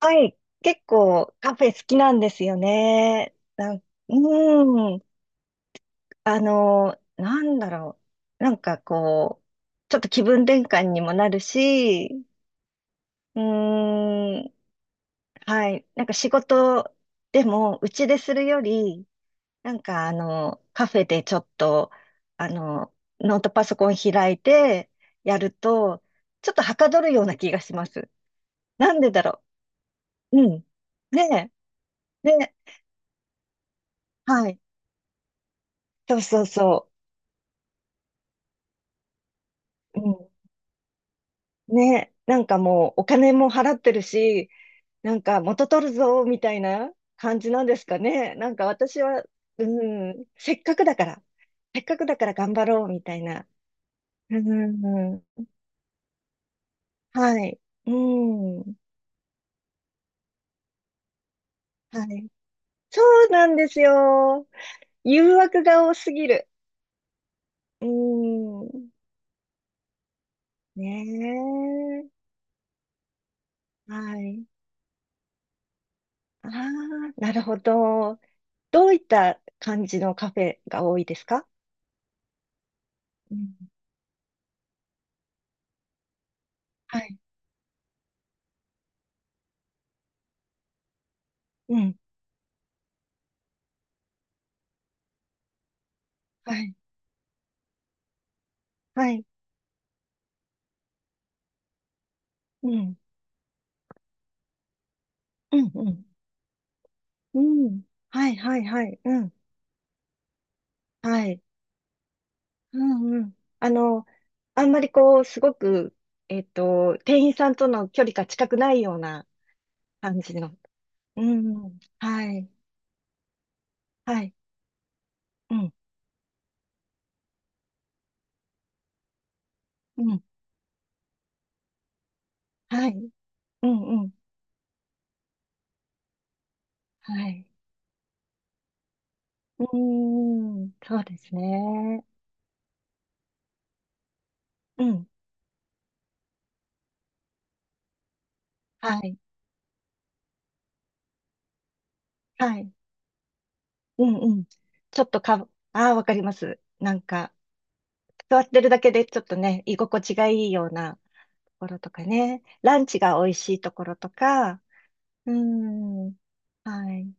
はい。結構カフェ好きなんですよね。うん。なんだろう。なんかこう、ちょっと気分転換にもなるし、うん。はい。なんか仕事でも、うちでするより、なんかカフェでちょっと、あの、ノートパソコン開いてやると、ちょっとはかどるような気がします。なんでだろう。うん。ねえ。ねえ。はい。そうそうそう。うん、ね、なんかもうお金も払ってるし、なんか元取るぞみたいな感じなんですかね。なんか私は、うん、せっかくだから頑張ろうみたいな。うん、はい。うん、はい。そうなんですよ。誘惑が多すぎる。うん、ねえ。はい。ああ、なるほど。どういった感じのカフェが多いですか？うん、はい。うん。はい、はい、うん、うん、うん、うん、はい、はい、はい、うん、はい、うん、うん。あんまりこう、すごく、店員さんとの距離が近くないような感じの。うん、はい、はい、うん、うん、はい、うん、うん、はい。うーん、そうですね。うん、はい、はい、うん、うん。ちょっとか、ああ、わかります。なんか、座ってるだけでちょっとね、居心地がいいような。ころとかね。ランチが美味しいところとか。うん。はい。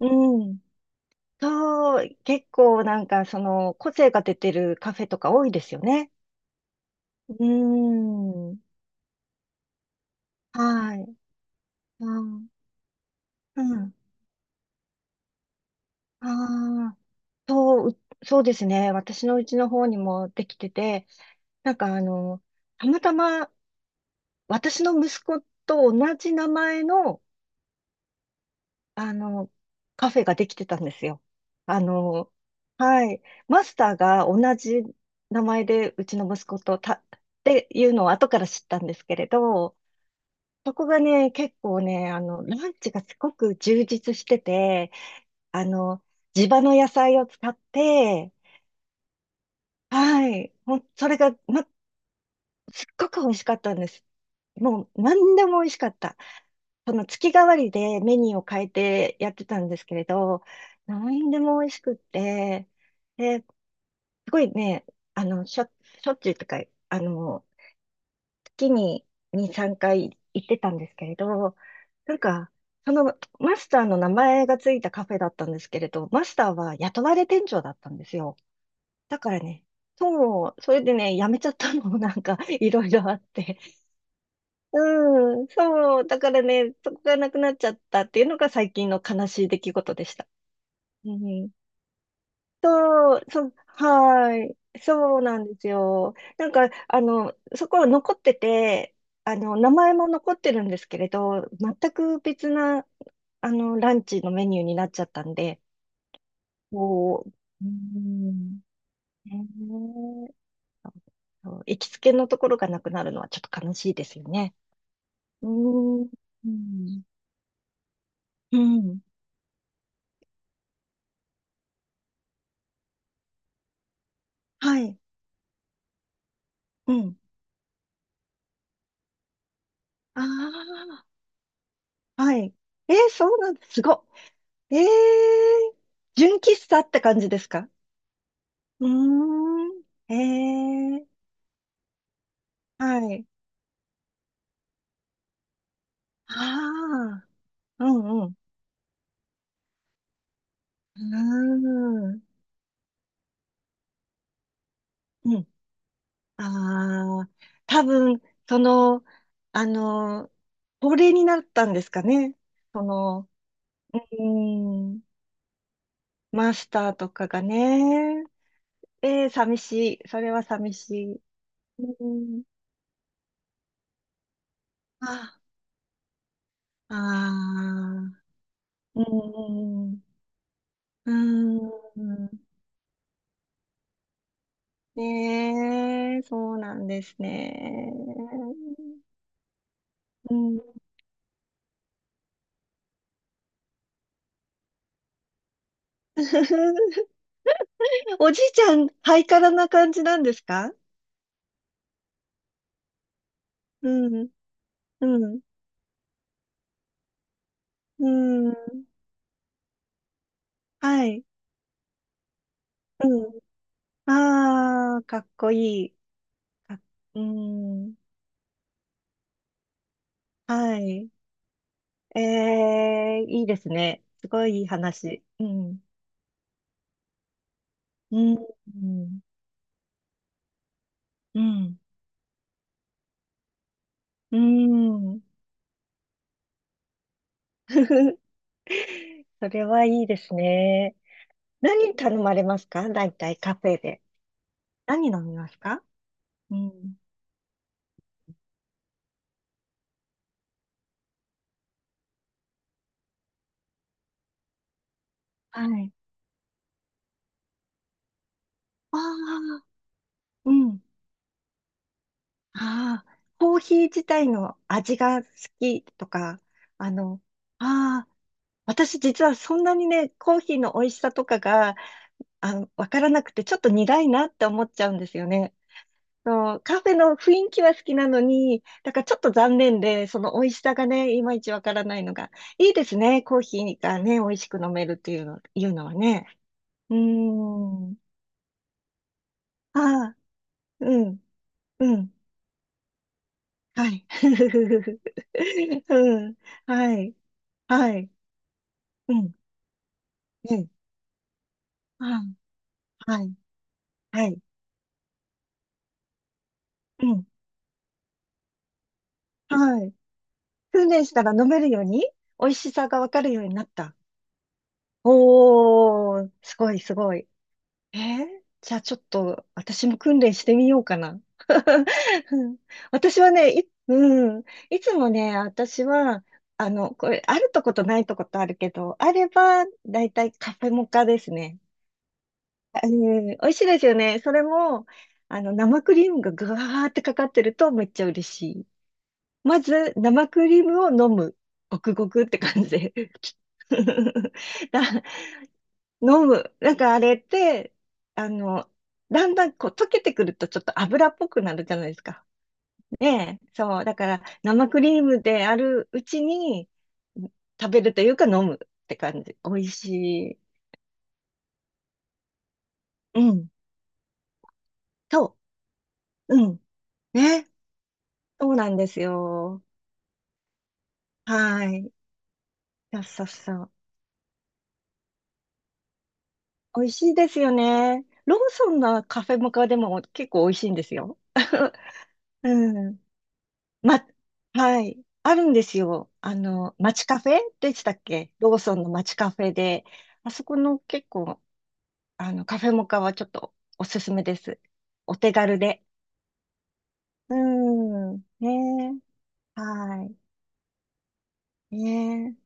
うん。そう、結構なんかその個性が出てるカフェとか多いですよね。うん。はい。うん。うん。ああ、そう、う、そうですね。私のうちの方にもできてて、なんかたまたま私の息子と同じ名前のあの、カフェができてたんですよ。あの、はい。マスターが同じ名前で、うちの息子とた、っていうのを後から知ったんですけれど、そこがね、結構ね、ランチがすごく充実してて、あの、地場の野菜を使って、はい。それが、すっごく美味しかったんです。もう何でも美味しかった。その月替わりでメニューを変えてやってたんですけれど、何でも美味しくって、で、すごいね、あの、しょ、しょっちゅうとか、あの、月に2、3回行ってたんですけれど、なんか、そのマスターの名前がついたカフェだったんですけれど、マスターは雇われ店長だったんですよ。だからね、そう、それでね、辞めちゃったのもなんかいろいろあって、うん、そう、だからね、そこがなくなっちゃったっていうのが最近の悲しい出来事でした。うん、そう、そう、はい、そうなんですよ。なんか、そこは残ってて、名前も残ってるんですけれど、全く別な、ランチのメニューになっちゃったんで、こう、うん、ねえ、そう、行きつけのところがなくなるのはちょっと悲しいですよね。うん、うん、うん、はい。うん。ああ、はい。そうなんです。すごい。純喫茶って感じですか？うーん。えー、はい。ああ、うんうん。うーん。うん。ああ、多分、その、あの、高齢になったんですかね。その、うーん、マスターとかがね。えー、寂しい。それは寂しい。うん。あああ、うんうんうん、うーん。ねえ、そうなんですね。うん。おじいちゃん、ハイカラな感じなんですか？うん、うん、うん。はい。うん。ああ、かっこいい。か、うん。はい。ええ、いいですね。すごいいい話。うん。うん。うん。うん。うん。 それはいいですね。何頼まれますか大体カフェで？何飲みますか？うん。はい。ああ、うん。ああ、コーヒー自体の味が好きとか、あの、ああ、私実はそんなにね、コーヒーの美味しさとかが、わからなくて、ちょっと苦いなって思っちゃうんですよね。そう、カフェの雰囲気は好きなのに、だからちょっと残念で、その美味しさがね、いまいちわからないのが、いいですね。コーヒーがね、美味しく飲めるっていうの、いうのはね。うーん。ああ、うん、うん。はい。うん。はい。はい。うん。うん。はい。はい。はい。うん。はい。訓練したら飲めるように、美味しさがわかるようになった。おー、すごい、すごい。えーじゃあちょっと私も訓練してみようかな。うん、私はね、うん、いつもね、私は、これ、あるとことないとことあるけど、あれば、だいたいカフェモカですね。うん、美味しいですよね。それも、生クリームがぐわーってかかってるとめっちゃ嬉しい。まず、生クリームを飲む。ごくごくって感じで。だ飲む。なんかあれって、あの、だんだんこう溶けてくるとちょっと油っぽくなるじゃないですか。ねえ。そう。だから生クリームであるうちに食べるというか飲むって感じ。美味しい。うん。と、うん。ね。そうなんですよ。はい。そうそうそう。美味しいですよね。ローソンのカフェモカでも結構美味しいんですよ。うん。ま、はい。あるんですよ。街カフェでしたっけ、ローソンの街カフェで。あそこの結構、カフェモカはちょっとおすすめです。お手軽で。うーん。ねえ。はい。ねえ。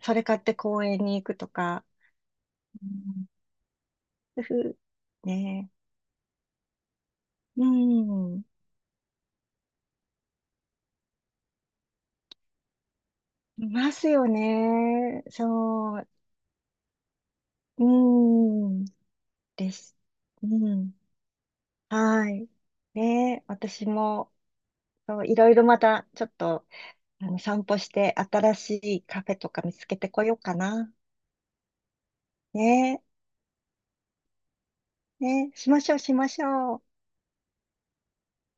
それ買って公園に行くとか。うん、ふふ、ねえ。うん。いますよね。そう。うん。です。うん。はい。ねえ。私も。そう、いろいろまたちょっと散歩して新しいカフェとか見つけてこようかな。ねえ、ねえ、しましょうしましょう。